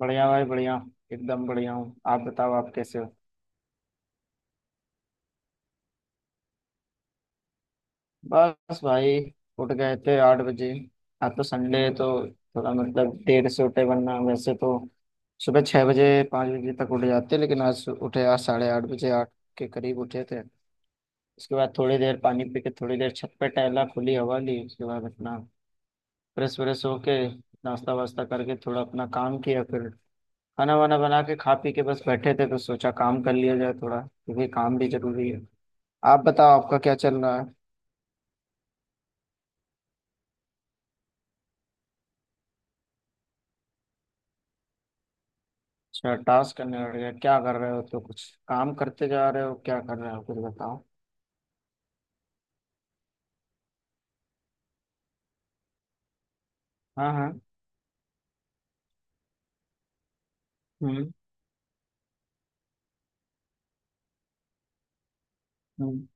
बढ़िया भाई बढ़िया। एकदम बढ़िया हूँ। आप बताओ आप कैसे हो। बस भाई, उठ गए थे 8 बजे। आज तो संडे है तो थोड़ा मतलब देर से उठे, वरना वैसे तो सुबह 6 बजे 5 बजे तक उठ जाते, लेकिन आज उठे, आज 8:30 बजे 8 के करीब उठे थे। उसके बाद थोड़ी देर पानी पी के थोड़ी देर छत पे टहला, खुली हवा ली। उसके बाद अपना फ्रेश व्रेश होके नाश्ता वास्ता करके थोड़ा अपना काम किया। फिर खाना वाना बना के खा पी के बस बैठे थे तो सोचा काम कर लिया जाए थोड़ा, क्योंकि काम भी जरूरी है। आप बताओ, आपका क्या चल रहा है। अच्छा, टास्क करने बैठ गया? क्या कर रहे हो? तो कुछ काम करते जा रहे हो? क्या कर रहे हो? कुछ बताओ। हाँ हाँ। हम्म। हम्म।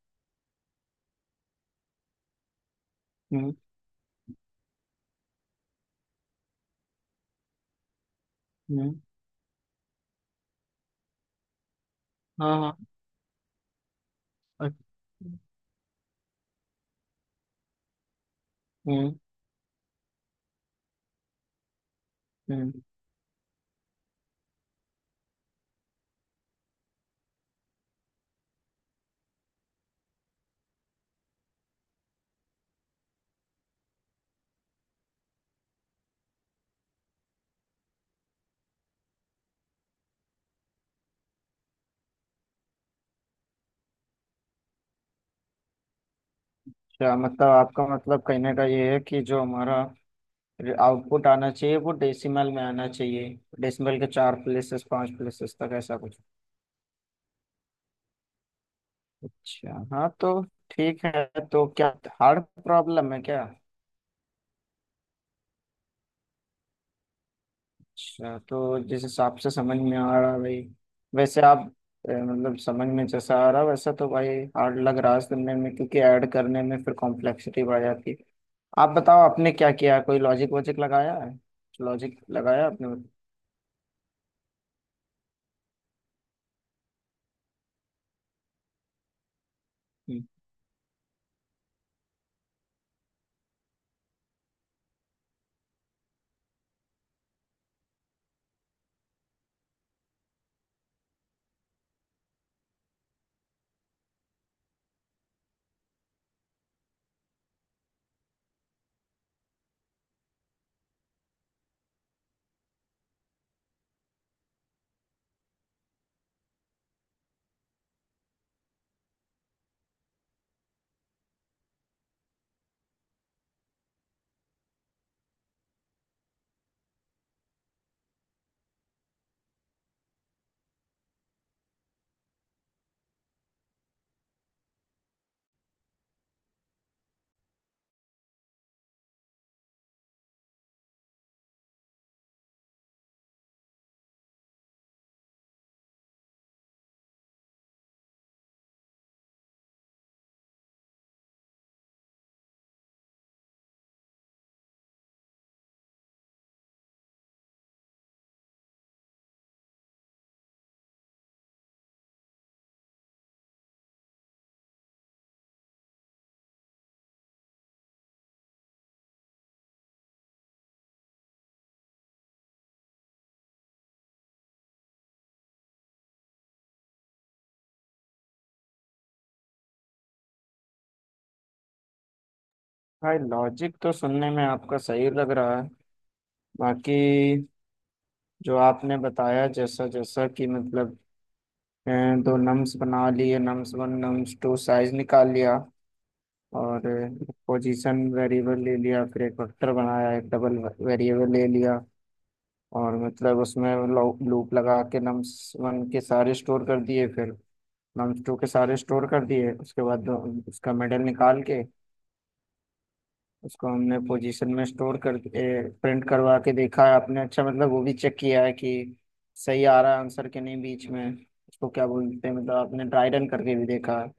हम्म। हम्म, हाँ हाँ। अच्छा। हम्म। हम्म। अच्छा, मतलब आपका मतलब कहने का ये है कि जो हमारा आउटपुट आना चाहिए वो डेसिमल में आना चाहिए। डेसिमल के चार प्लेसेस, पांच प्लेसेस तक, ऐसा कुछ। अच्छा, हाँ तो ठीक है। तो क्या हार्ड प्रॉब्लम है क्या? अच्छा, तो जिस हिसाब से समझ में आ रहा है भाई, वैसे आप मतलब समझ में जैसा आ रहा वैसा तो भाई हार्ड लग रहा है सुनने में, क्योंकि ऐड करने में फिर कॉम्प्लेक्सिटी बढ़ जाती है। आप बताओ, आपने क्या किया है? कोई लॉजिक वॉजिक लगाया है? लॉजिक लगाया आपने? हम्म। भाई लॉजिक तो सुनने में आपका सही लग रहा है। बाकी जो आपने बताया, जैसा जैसा कि मतलब अ, दो नम्स बना लिए, nums one nums two, size निकाल लिया और पोजीशन वेरिएबल ले लिया, फिर एक वेक्टर बनाया, एक डबल वेरिएबल ले लिया और मतलब उसमें लूप लगा के नम्स वन के सारे स्टोर कर दिए, फिर नम्स टू के सारे स्टोर कर दिए। उसके बाद उसका मेडल निकाल के उसको हमने पोजीशन में स्टोर कर प्रिंट करवा के देखा है आपने? अच्छा, मतलब वो भी चेक किया है कि सही आ रहा है आंसर के नहीं बीच में? उसको क्या बोलते हैं, मतलब आपने ट्राई रन करके भी देखा है?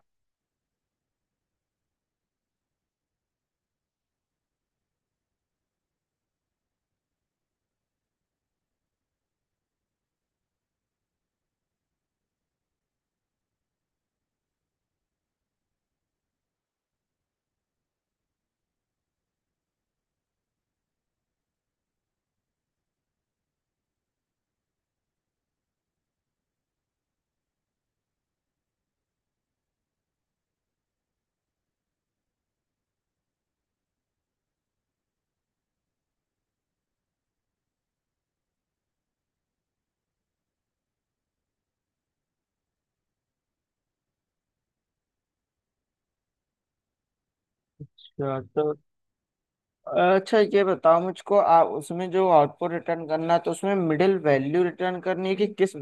अच्छा, तो अच्छा, ये बताओ मुझको, उसमें जो आउटपुट रिटर्न करना है तो उसमें मिडिल वैल्यू रिटर्न करनी है कि किस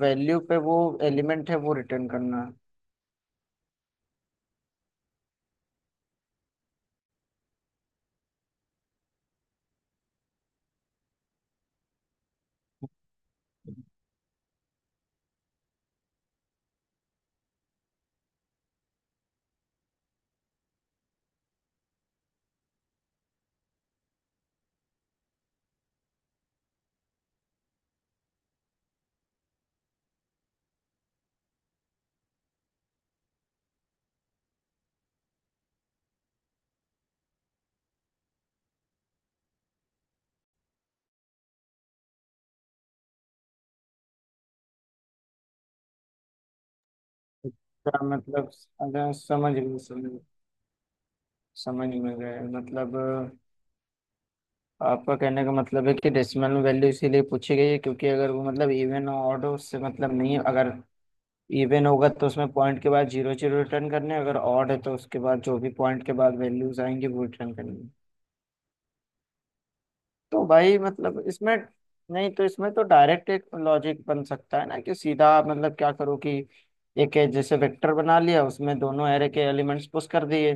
वैल्यू पे वो एलिमेंट है वो रिटर्न करना है? क्या मतलब? अगर समझ गए समझ समझ में गए मतलब आपका कहने का मतलब है कि डेसिमल वैल्यू इसीलिए पूछी गई है, क्योंकि अगर वो मतलब इवन ऑड उससे मतलब नहीं है। अगर इवन होगा तो उसमें पॉइंट के बाद जीरो जीरो रिटर्न करने, अगर ऑड है तो उसके बाद जो भी पॉइंट के बाद वैल्यूज आएंगे वो रिटर्न करनी। तो भाई मतलब इसमें नहीं, तो इसमें तो डायरेक्ट एक लॉजिक बन सकता है ना कि सीधा, मतलब क्या करो कि एक है जैसे वेक्टर बना लिया उसमें दोनों एरे के एलिमेंट्स पुश कर दिए।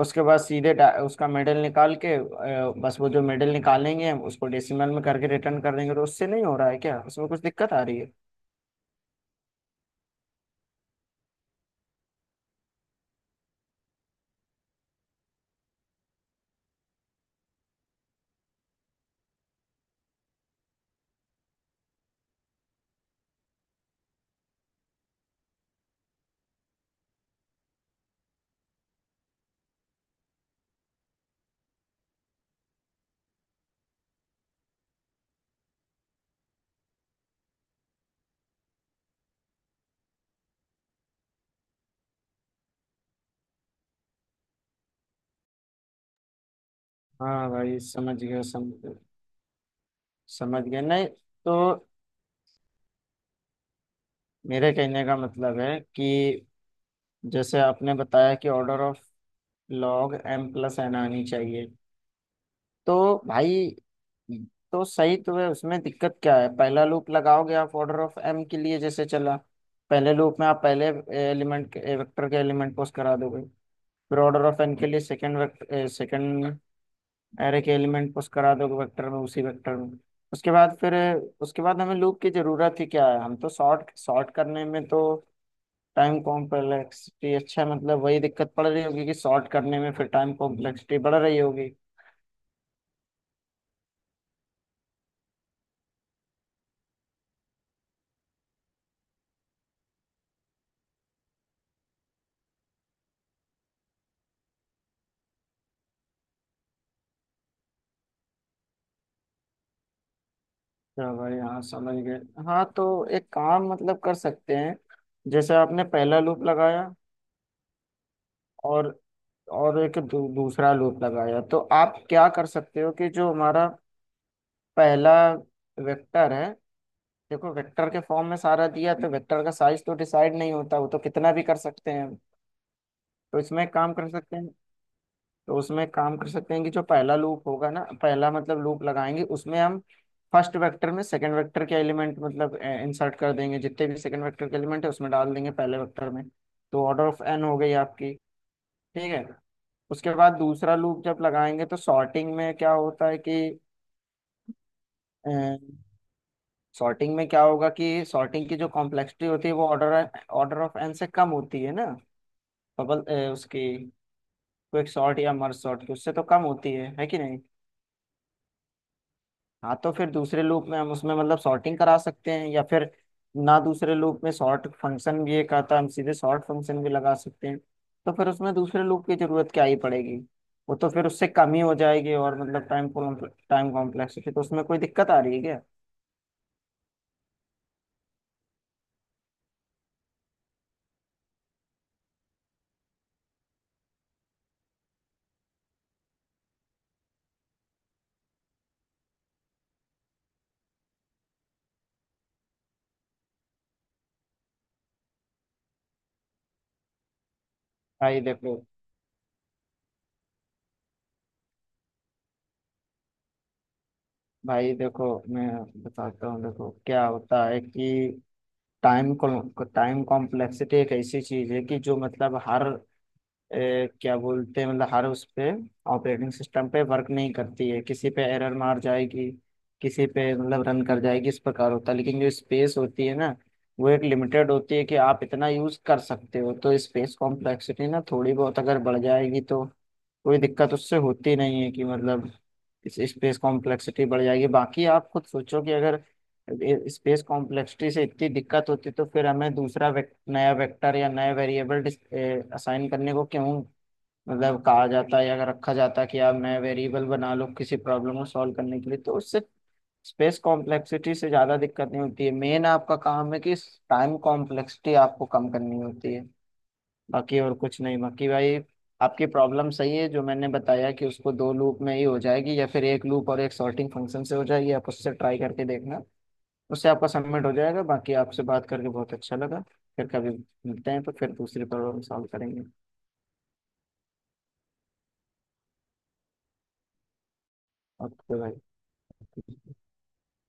उसके बाद सीधे उसका मिडिल निकाल के बस वो जो मिडिल निकालेंगे हम उसको डेसिमल में करके रिटर्न कर देंगे। तो उससे नहीं हो रहा है क्या? उसमें कुछ दिक्कत आ रही है? हाँ भाई समझ गया समझ समझ गया। नहीं, तो मेरे कहने का मतलब है कि जैसे आपने बताया कि order of log M plus N आनी चाहिए, तो भाई तो सही तो है। उसमें दिक्कत क्या है? पहला लूप लगाओगे आप ऑर्डर ऑफ एम के लिए, जैसे चला, पहले लूप में आप पहले एलिमेंट के वेक्टर के एलिमेंट पुश करा दोगे। फिर ऑर्डर ऑफ एन के लिए सेकंड वेक्टर, सेकंड एरे के एलिमेंट पुश करा दोगे वेक्टर में, उसी वेक्टर में। उसके बाद फिर उसके बाद हमें लूप की जरूरत ही क्या है? हम तो सॉर्ट, सॉर्ट करने में तो टाइम कॉम्प्लेक्सिटी, अच्छा मतलब वही दिक्कत पड़ रही होगी कि सॉर्ट करने में फिर टाइम कॉम्प्लेक्सिटी बढ़ रही होगी। चलो भाई, हाँ समझ गए। हाँ तो एक काम मतलब कर सकते हैं, जैसे आपने पहला लूप लगाया और दूसरा लूप लगाया, तो आप क्या कर सकते हो कि जो हमारा पहला वेक्टर है, देखो वेक्टर के फॉर्म में सारा दिया, तो वेक्टर का साइज तो डिसाइड नहीं होता, वो तो कितना भी कर सकते हैं हम। तो इसमें एक काम कर सकते हैं, तो उसमें काम कर सकते हैं कि जो पहला लूप होगा ना, पहला मतलब लूप लगाएंगे उसमें हम फर्स्ट वेक्टर में सेकंड वेक्टर के एलिमेंट मतलब इंसर्ट कर देंगे। जितने भी सेकंड वेक्टर के एलिमेंट है उसमें डाल देंगे, पहले वेक्टर में। तो ऑर्डर ऑफ एन हो गई आपकी। ठीक है। उसके बाद दूसरा लूप जब लगाएंगे तो सॉर्टिंग में क्या होता है कि सॉर्टिंग में क्या होगा कि सॉर्टिंग की जो कॉम्प्लेक्सिटी होती है वो ऑर्डर ऑर्डर ऑफ एन से कम होती है ना? बबल उसकी क्विक सॉर्ट या मर्ज सॉर्ट की उससे तो कम होती है कि नहीं? हाँ तो फिर दूसरे लूप में हम उसमें मतलब सॉर्टिंग करा सकते हैं या फिर ना दूसरे लूप में सॉर्ट फंक्शन भी एक आता है, हम सीधे सॉर्ट फंक्शन भी लगा सकते हैं। तो फिर उसमें दूसरे लूप की जरूरत क्या ही पड़ेगी? वो तो फिर उससे कम ही हो जाएगी, और मतलब टाइम टाइम कॉम्प्लेक्सिटी तो उसमें कोई दिक्कत आ रही है क्या? भाई देखो, भाई देखो, मैं बताता हूँ। देखो, क्या होता है कि टाइम टाइम कॉम्प्लेक्सिटी एक ऐसी चीज है कि जो मतलब हर क्या बोलते हैं, मतलब हर उस पे ऑपरेटिंग सिस्टम पे वर्क नहीं करती है, किसी पे एरर मार जाएगी, किसी पे मतलब रन कर जाएगी, इस प्रकार होता है। लेकिन जो स्पेस होती है ना, वो एक लिमिटेड होती है कि आप इतना यूज कर सकते हो। तो स्पेस कॉम्प्लेक्सिटी ना थोड़ी बहुत अगर बढ़ जाएगी तो कोई दिक्कत उससे होती नहीं है कि मतलब इस स्पेस कॉम्प्लेक्सिटी बढ़ जाएगी। बाकी आप खुद सोचो कि अगर स्पेस कॉम्प्लेक्सिटी से इतनी दिक्कत होती तो फिर हमें दूसरा नया वेक्टर या नया वेरिएबल असाइन करने को क्यों मतलब कहा जाता है, अगर रखा जाता है कि आप नया वेरिएबल बना लो किसी प्रॉब्लम को सॉल्व करने के लिए, तो उससे स्पेस कॉम्प्लेक्सिटी से ज़्यादा दिक्कत नहीं होती है। मेन आपका काम है कि टाइम कॉम्प्लेक्सिटी आपको कम करनी होती है। बाकी और कुछ नहीं। बाकी भाई आपकी प्रॉब्लम सही है, जो मैंने बताया कि उसको दो लूप में ही हो जाएगी या फिर एक लूप और एक सॉर्टिंग फंक्शन से हो जाएगी। आप उससे ट्राई करके देखना, उससे आपका सबमिट हो जाएगा। बाकी आपसे बात करके बहुत अच्छा लगा। फिर कभी मिलते हैं तो फिर दूसरी प्रॉब्लम सॉल्व करेंगे। ओके भाई।